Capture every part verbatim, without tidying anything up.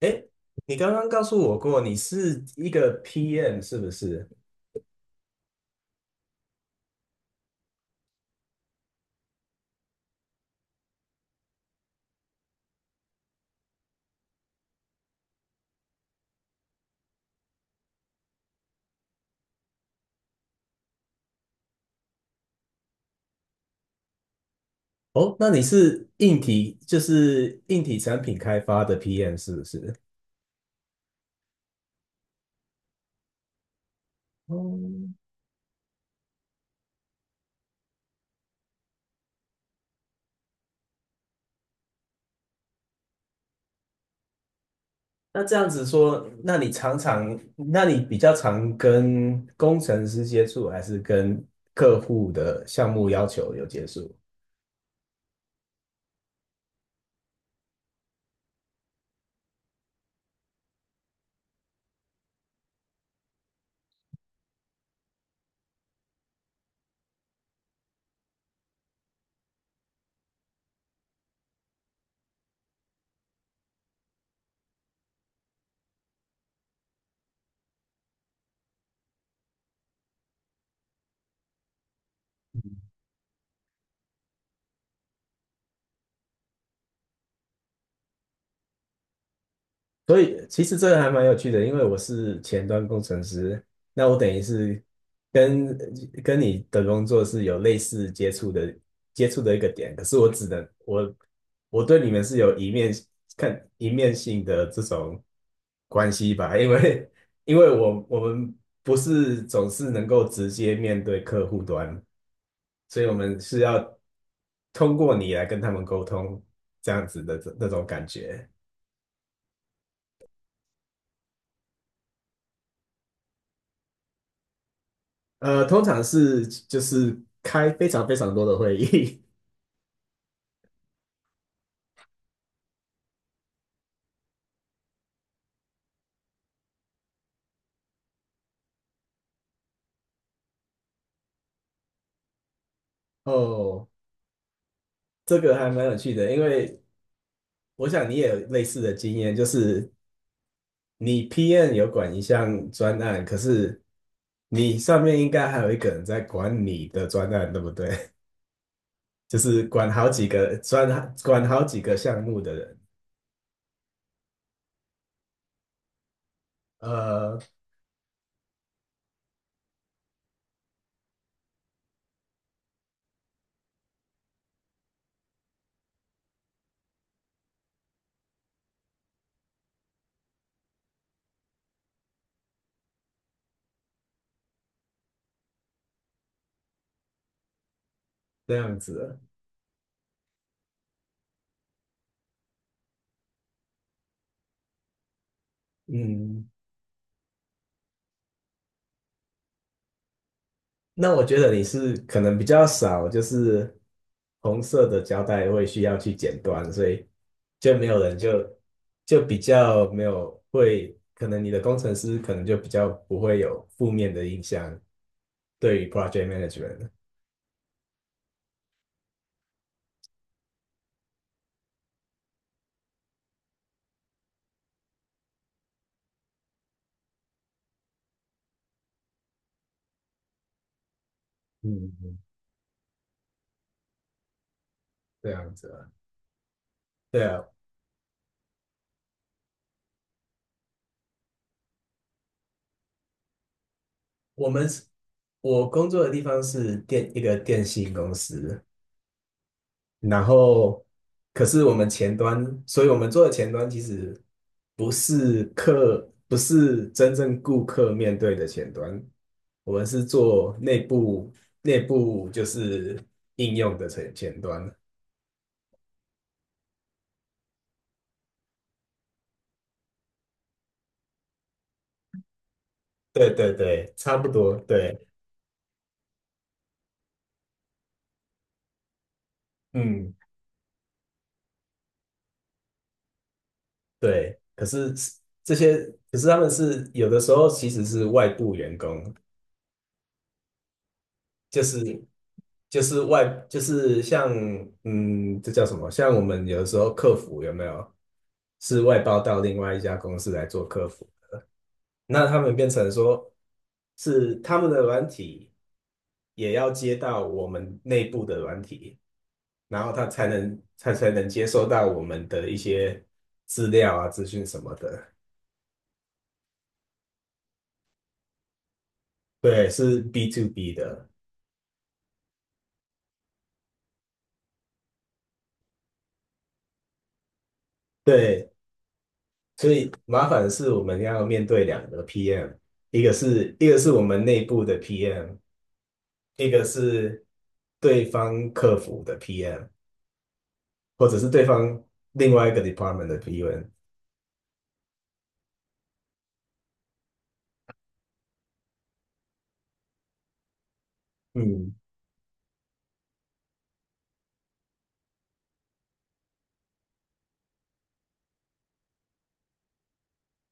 哎，你刚刚告诉我过你是一个 P M 是不是？哦，那你是硬体，就是硬体产品开发的 P M 是不是？哦，那这样子说，那你常常，那你比较常跟工程师接触，还是跟客户的项目要求有接触？所以其实这个还蛮有趣的，因为我是前端工程师，那我等于是跟跟你的工作是有类似接触的接触的一个点，可是我只能我我对你们是有一面看一面性的这种关系吧，因为因为我我们不是总是能够直接面对客户端，所以我们是要通过你来跟他们沟通这样子的这那种感觉。呃，通常是就是开非常非常多的会议。 哦，这个还蛮有趣的，因为我想你也有类似的经验，就是你 p n 有管一项专案，可是你上面应该还有一个人在管你的专案，对不对？就是管好几个专，管好几个项目的人。呃，这样子，嗯，那我觉得你是可能比较少，就是红色的胶带会需要去剪断，所以就没有人就就比较没有会，可能你的工程师可能就比较不会有负面的印象对于 project management。嗯，嗯，这样子啊，对啊，我们是我工作的地方是电一个电信公司，然后可是我们前端，所以我们做的前端其实不是客，不是真正顾客面对的前端，我们是做内部内部就是应用的前前端。对对对，差不多，对，嗯，对。可是这些，可是他们是有的时候其实是外部员工，就是就是外就是像嗯，这叫什么？像我们有的时候客服有没有是外包到另外一家公司来做客服？那他们变成说是他们的软体也要接到我们内部的软体，然后他才能他才能接收到我们的一些资料啊、资讯什么的。对，是 B to B 的。对，所以麻烦的是我们要面对两个 P M，一个是一个是我们内部的 P M，一个是对方客服的 PM，或者是对方另外一个 department 的 P M。嗯，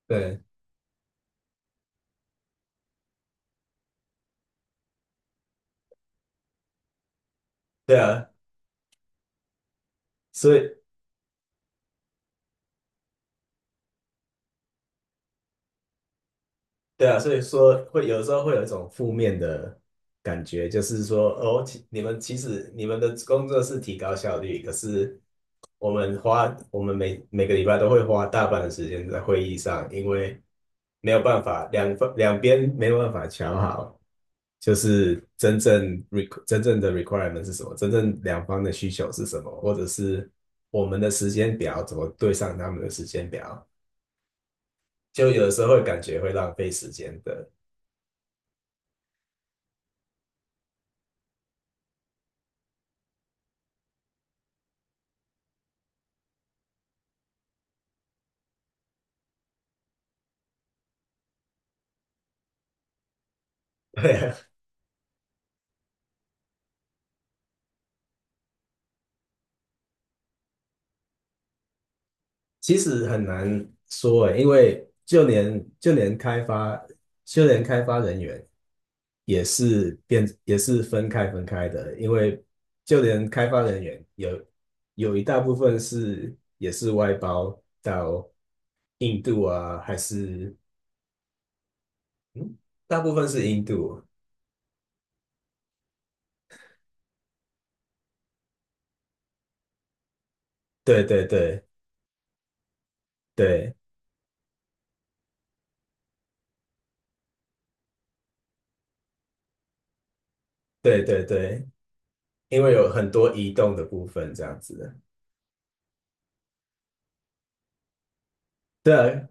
对，对啊，所以对啊，所以说会有时候会有一种负面的感觉，就是说哦，其你们其实你们的工作是提高效率，可是我们花我们每每个礼拜都会花大半的时间在会议上，因为没有办法，两方两边没有办法瞧好，就是真正 req 真正的 requirement 是什么，真正两方的需求是什么，或者是我们的时间表怎么对上他们的时间表，就有的时候会感觉会浪费时间的。对，其实很难说诶，因为就连就连开发就连开发人员也是变也是分开分开的，因为就连开发人员有有一大部分是也是外包到印度啊，还是嗯，大部分是印度，对对对，对对对对，因为有很多移动的部分这样子，对啊，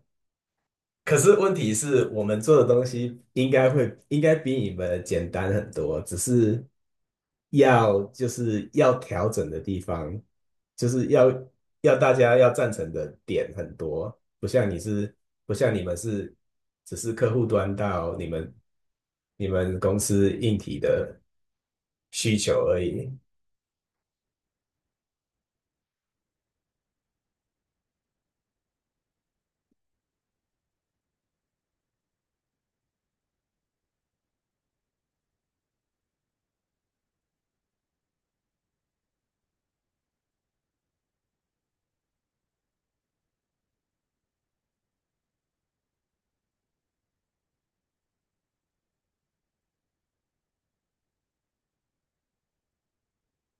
可是问题是我们做的东西应该会应该比你们简单很多，只是要就是要调整的地方，就是要要大家要赞成的点很多，不像你是不像你们是只是客户端到你们你们公司硬体的需求而已。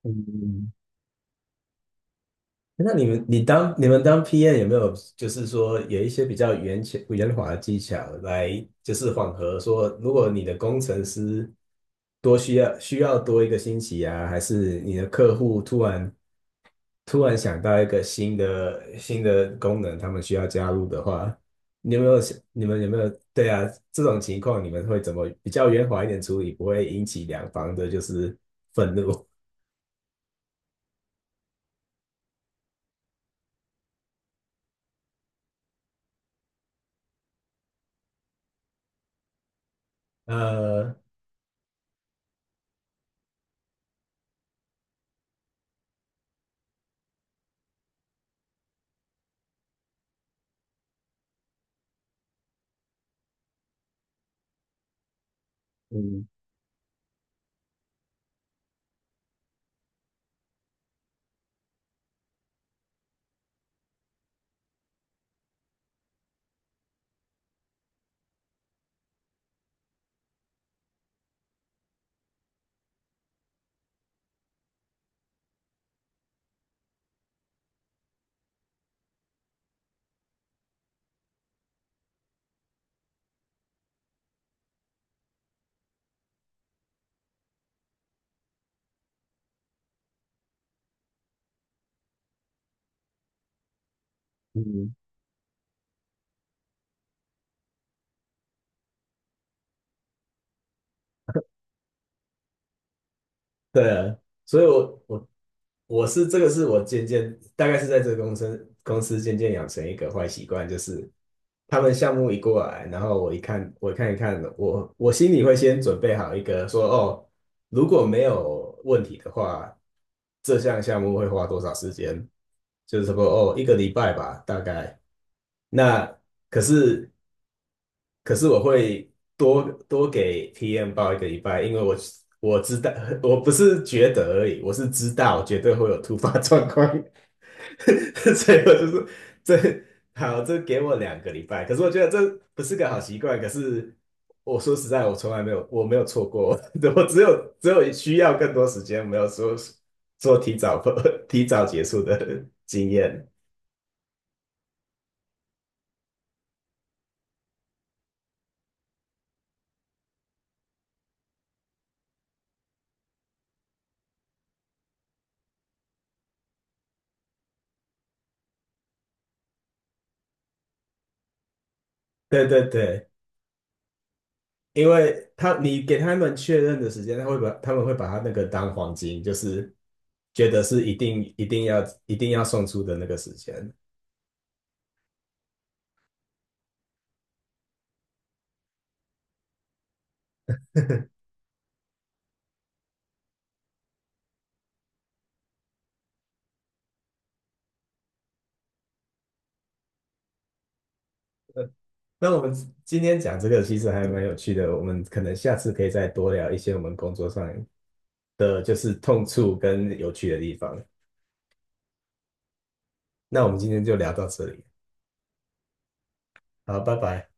嗯，那你们你当你们当 P M 有没有就是说有一些比较圆巧圆滑的技巧来就是缓和说，如果你的工程师多需要需要多一个星期啊，还是你的客户突然突然想到一个新的新的功能，他们需要加入的话，你有没有想你们有没有对啊，这种情况你们会怎么比较圆滑一点处理，不会引起两方的就是愤怒？呃，嗯嗯，对啊，所以我我我是这个是我渐渐大概是在这个公司公司渐渐养成一个坏习惯，就是他们项目一过来，然后我一看我看一看，我我心里会先准备好一个说哦，如果没有问题的话，这项项目会花多少时间？就是说哦，一个礼拜吧，大概。那可是可是我会多多给 P M 报一个礼拜，因为我我知道，我不是觉得而已，我是知道绝对会有突发状况。所以我就是这好，这给我两个礼拜。可是我觉得这不是个好习惯，可是我说实在，我从来没有我没有错过。我只有只有需要更多时间，没有说说提早 提早结束的经验。对对对。因为他你给他们确认的时间，他会把他们会把他那个当黄金，就是觉得是一定一定要一定要送出的那个时间。那我们今天讲这个其实还蛮有趣的，我们可能下次可以再多聊一些我们工作上的就是痛处跟有趣的地方。那我们今天就聊到这里，好，拜拜。